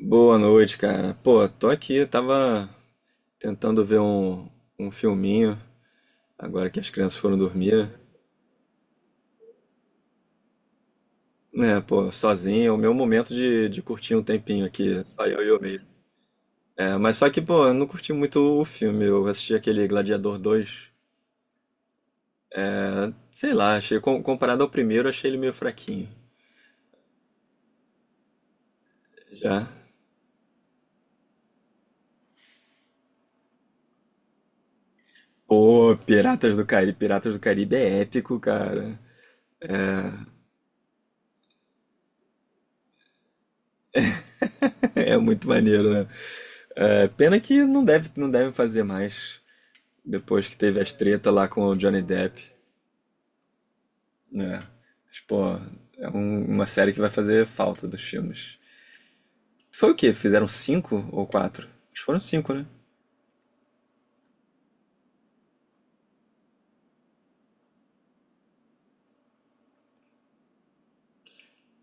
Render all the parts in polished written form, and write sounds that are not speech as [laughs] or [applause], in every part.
Boa noite, cara. Pô, tô aqui, tava tentando ver um filminho, agora que as crianças foram dormir. Né, pô, sozinho, é o meu momento de curtir um tempinho aqui, só eu e eu mesmo. É, mas só que, pô, eu não curti muito o filme, eu assisti aquele Gladiador dois. Sei lá, achei, comparado ao primeiro, achei ele meio fraquinho. Já. Pô, Piratas do Caribe é épico, cara. [laughs] É muito maneiro, né? É, pena que não deve fazer mais. Depois que teve as treta lá com o Johnny Depp, né? Mas, pô, é uma série que vai fazer falta dos filmes. Foi o quê? Fizeram cinco ou quatro? Acho que foram cinco, né?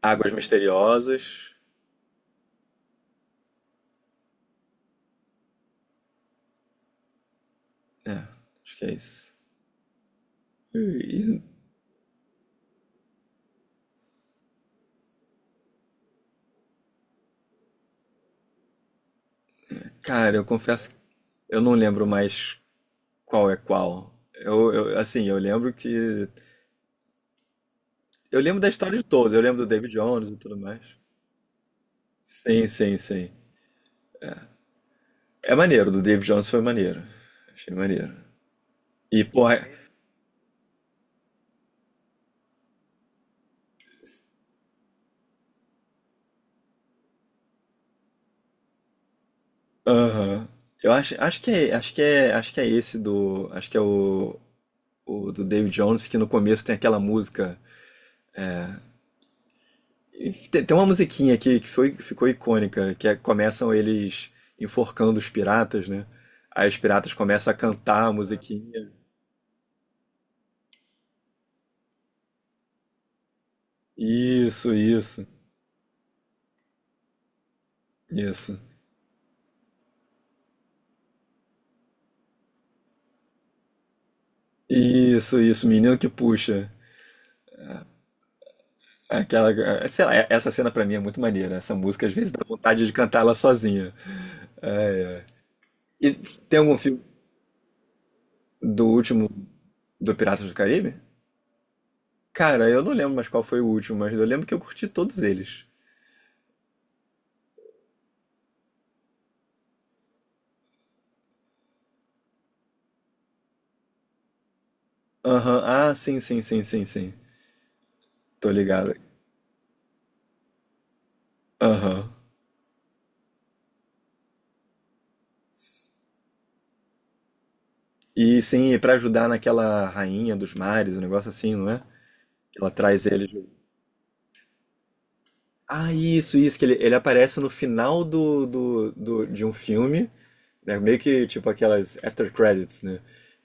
Águas Misteriosas. É, acho que é isso. E, cara, eu confesso que eu não lembro mais qual é qual. Assim, eu lembro que. Eu lembro da história de todos, eu lembro do David Jones e tudo mais. Sim, sim, sim. É maneiro, do David Jones foi maneiro. Achei maneiro. E, porra. Aham. Eu acho que é esse do, acho que é o do David Jones que no começo tem aquela música. E tem uma musiquinha aqui que ficou icônica, que é, começam eles enforcando os piratas, né? Aí os piratas começam a cantar a musiquinha. Isso, isso, isso. Isso, menino que puxa. Aquela, sei lá, essa cena pra mim é muito maneira. Essa música às vezes dá vontade de cantar ela sozinha. E tem algum filme do último do Piratas do Caribe? Cara, eu não lembro mais qual foi o último, mas eu lembro que eu curti todos eles. Aham, ah, sim, sim, sim, sim, sim. Tô ligado. Aham. E sim, e pra ajudar naquela rainha dos mares, um negócio assim, não é? Que ela traz eles. Ah, isso, que ele aparece no final de um filme, né? Meio que tipo aquelas after credits, né?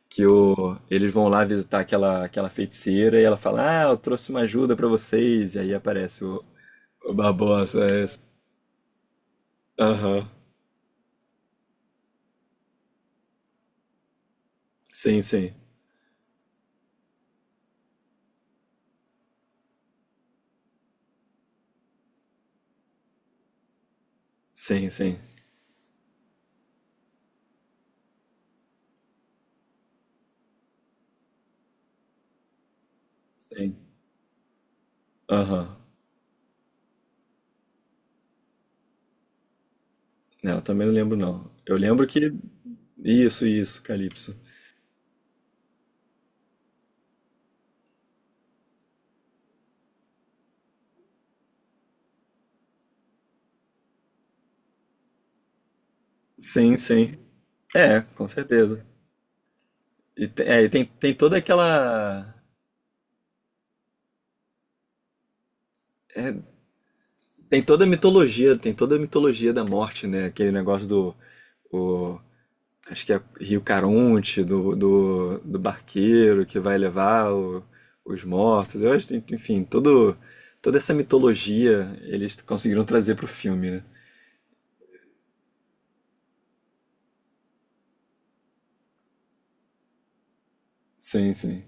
Eles vão lá visitar aquela feiticeira e ela fala, ah, eu trouxe uma ajuda pra vocês. E aí aparece o Barbosa. É esse. Aham. Sim, sim. Sim, sim, sim. Aham. Não, eu também não lembro, não. Eu lembro que. Isso, Calypso. Sim, sim. É, com certeza. E, é, e tem toda aquela. É, tem toda a mitologia, tem toda a mitologia da morte, né? Aquele negócio do. o- Acho que é Rio Caronte, do barqueiro que vai levar os mortos. Eu acho, que, enfim, toda essa mitologia eles conseguiram trazer pro filme, né? Sim, sim.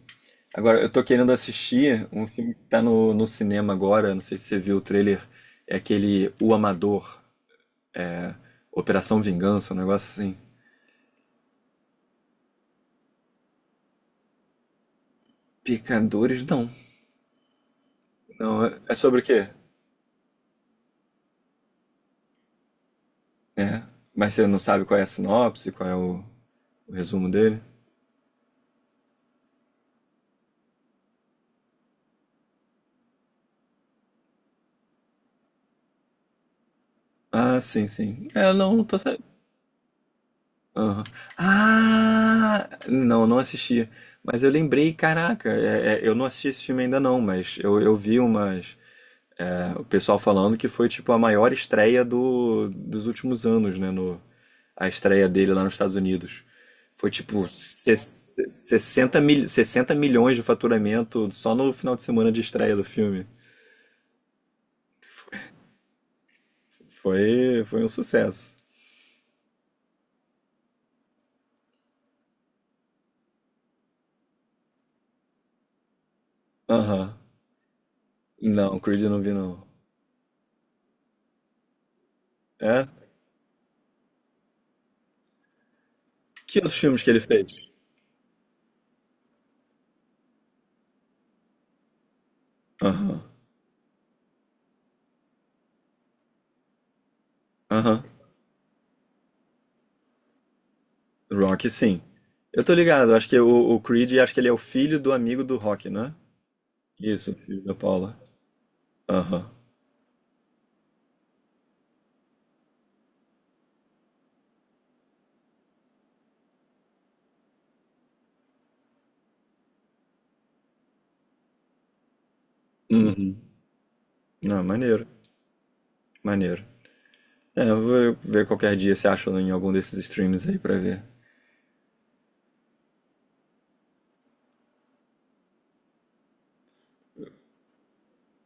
Agora, eu tô querendo assistir um filme que tá no cinema agora, não sei se você viu o trailer, é aquele O Amador, Operação Vingança, um negócio assim. Pecadores, não. Não, é sobre o quê? É, mas você não sabe qual é a sinopse, qual é o resumo dele? Ah, sim, sim. É, não, não tô sabendo. Aham. Ah, não, não assisti. Mas eu lembrei, caraca, é, eu não assisti esse filme ainda não, mas eu vi umas. O pessoal falando que foi tipo a maior estreia dos últimos anos, né? No, a estreia dele lá nos Estados Unidos. Foi tipo 60 milhões de faturamento só no final de semana de estreia do filme. Foi um sucesso. Aham. Não, Creed eu não vi não. É? Que outros filmes que ele fez? Aham. Aham. Rock, sim. Eu tô ligado, acho que o Creed, acho que ele é o filho do amigo do Rock, né? Isso, filho da Paula. Aham. Uhum. Não, maneiro, maneiro. É, eu vou ver qualquer dia se acha em algum desses streams aí pra ver.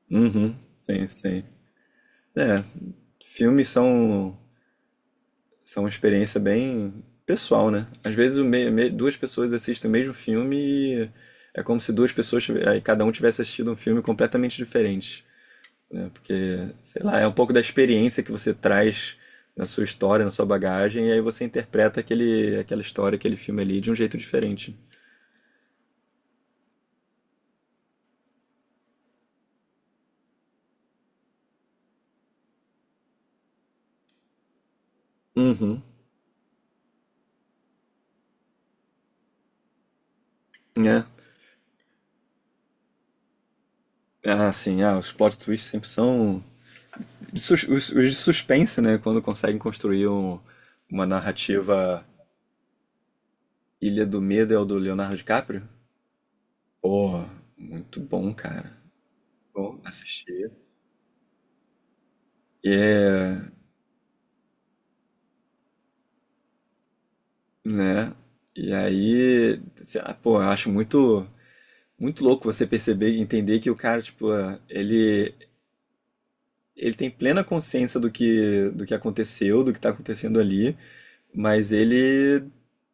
Uhum, sim, sim. É, filmes são uma experiência bem pessoal, né? Às vezes duas pessoas assistem o mesmo filme e é como se duas pessoas, aí cada um tivesse assistido um filme completamente diferente, né? Porque, sei lá, é um pouco da experiência que você traz na sua história, na sua bagagem, e aí você interpreta aquela história, aquele filme ali de um jeito diferente. Uhum. É, ah, sim, ah, os plot twists sempre são de os de suspense, né? Quando conseguem construir uma narrativa. Ilha do Medo é o do Leonardo DiCaprio. Porra, muito bom, cara. Bom assistir. É, né? E aí, sei lá, pô, eu acho muito muito louco você perceber e entender que o cara, tipo, ah, ele tem plena consciência do que aconteceu, do que tá acontecendo ali, mas ele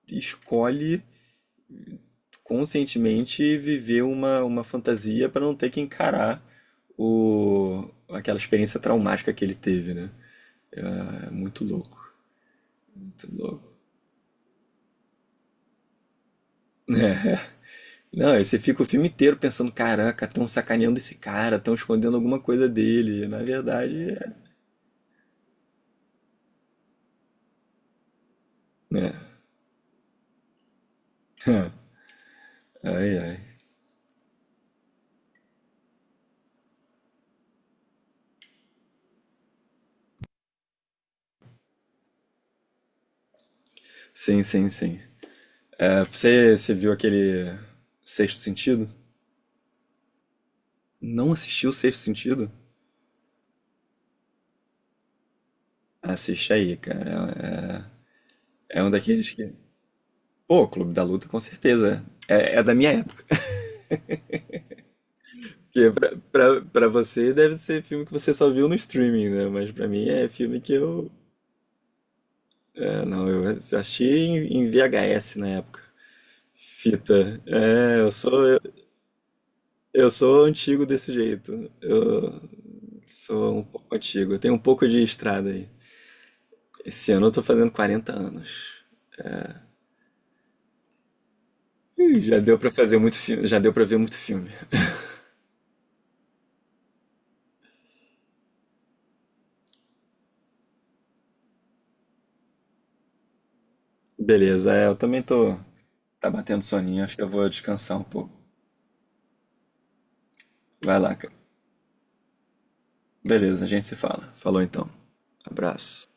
escolhe conscientemente viver uma fantasia para não ter que encarar aquela experiência traumática que ele teve, né? É muito louco, muito louco. Não, aí você fica o filme inteiro pensando, caraca, estão sacaneando esse cara, estão escondendo alguma coisa dele. E, na verdade, é. Né? [laughs] Ai, ai. Sim, sim, sim. É, você viu aquele Sexto Sentido? Não assistiu o Sexto Sentido? Assiste aí, cara. É um daqueles que. Pô, Clube da Luta, com certeza. É da minha época. Porque pra você deve ser filme que você só viu no streaming, né? Mas pra mim é filme que eu. É, não, eu assisti em VHS na época. Fita. É, eu sou antigo desse jeito. Eu sou um pouco antigo. Eu tenho um pouco de estrada aí. Esse ano eu tô fazendo 40 anos. Ih, já deu pra fazer muito filme, já deu pra ver muito filme. Beleza, é, eu também tô. Tá batendo soninho, acho que eu vou descansar um pouco. Vai lá, cara. Beleza, a gente se fala. Falou então. Abraço.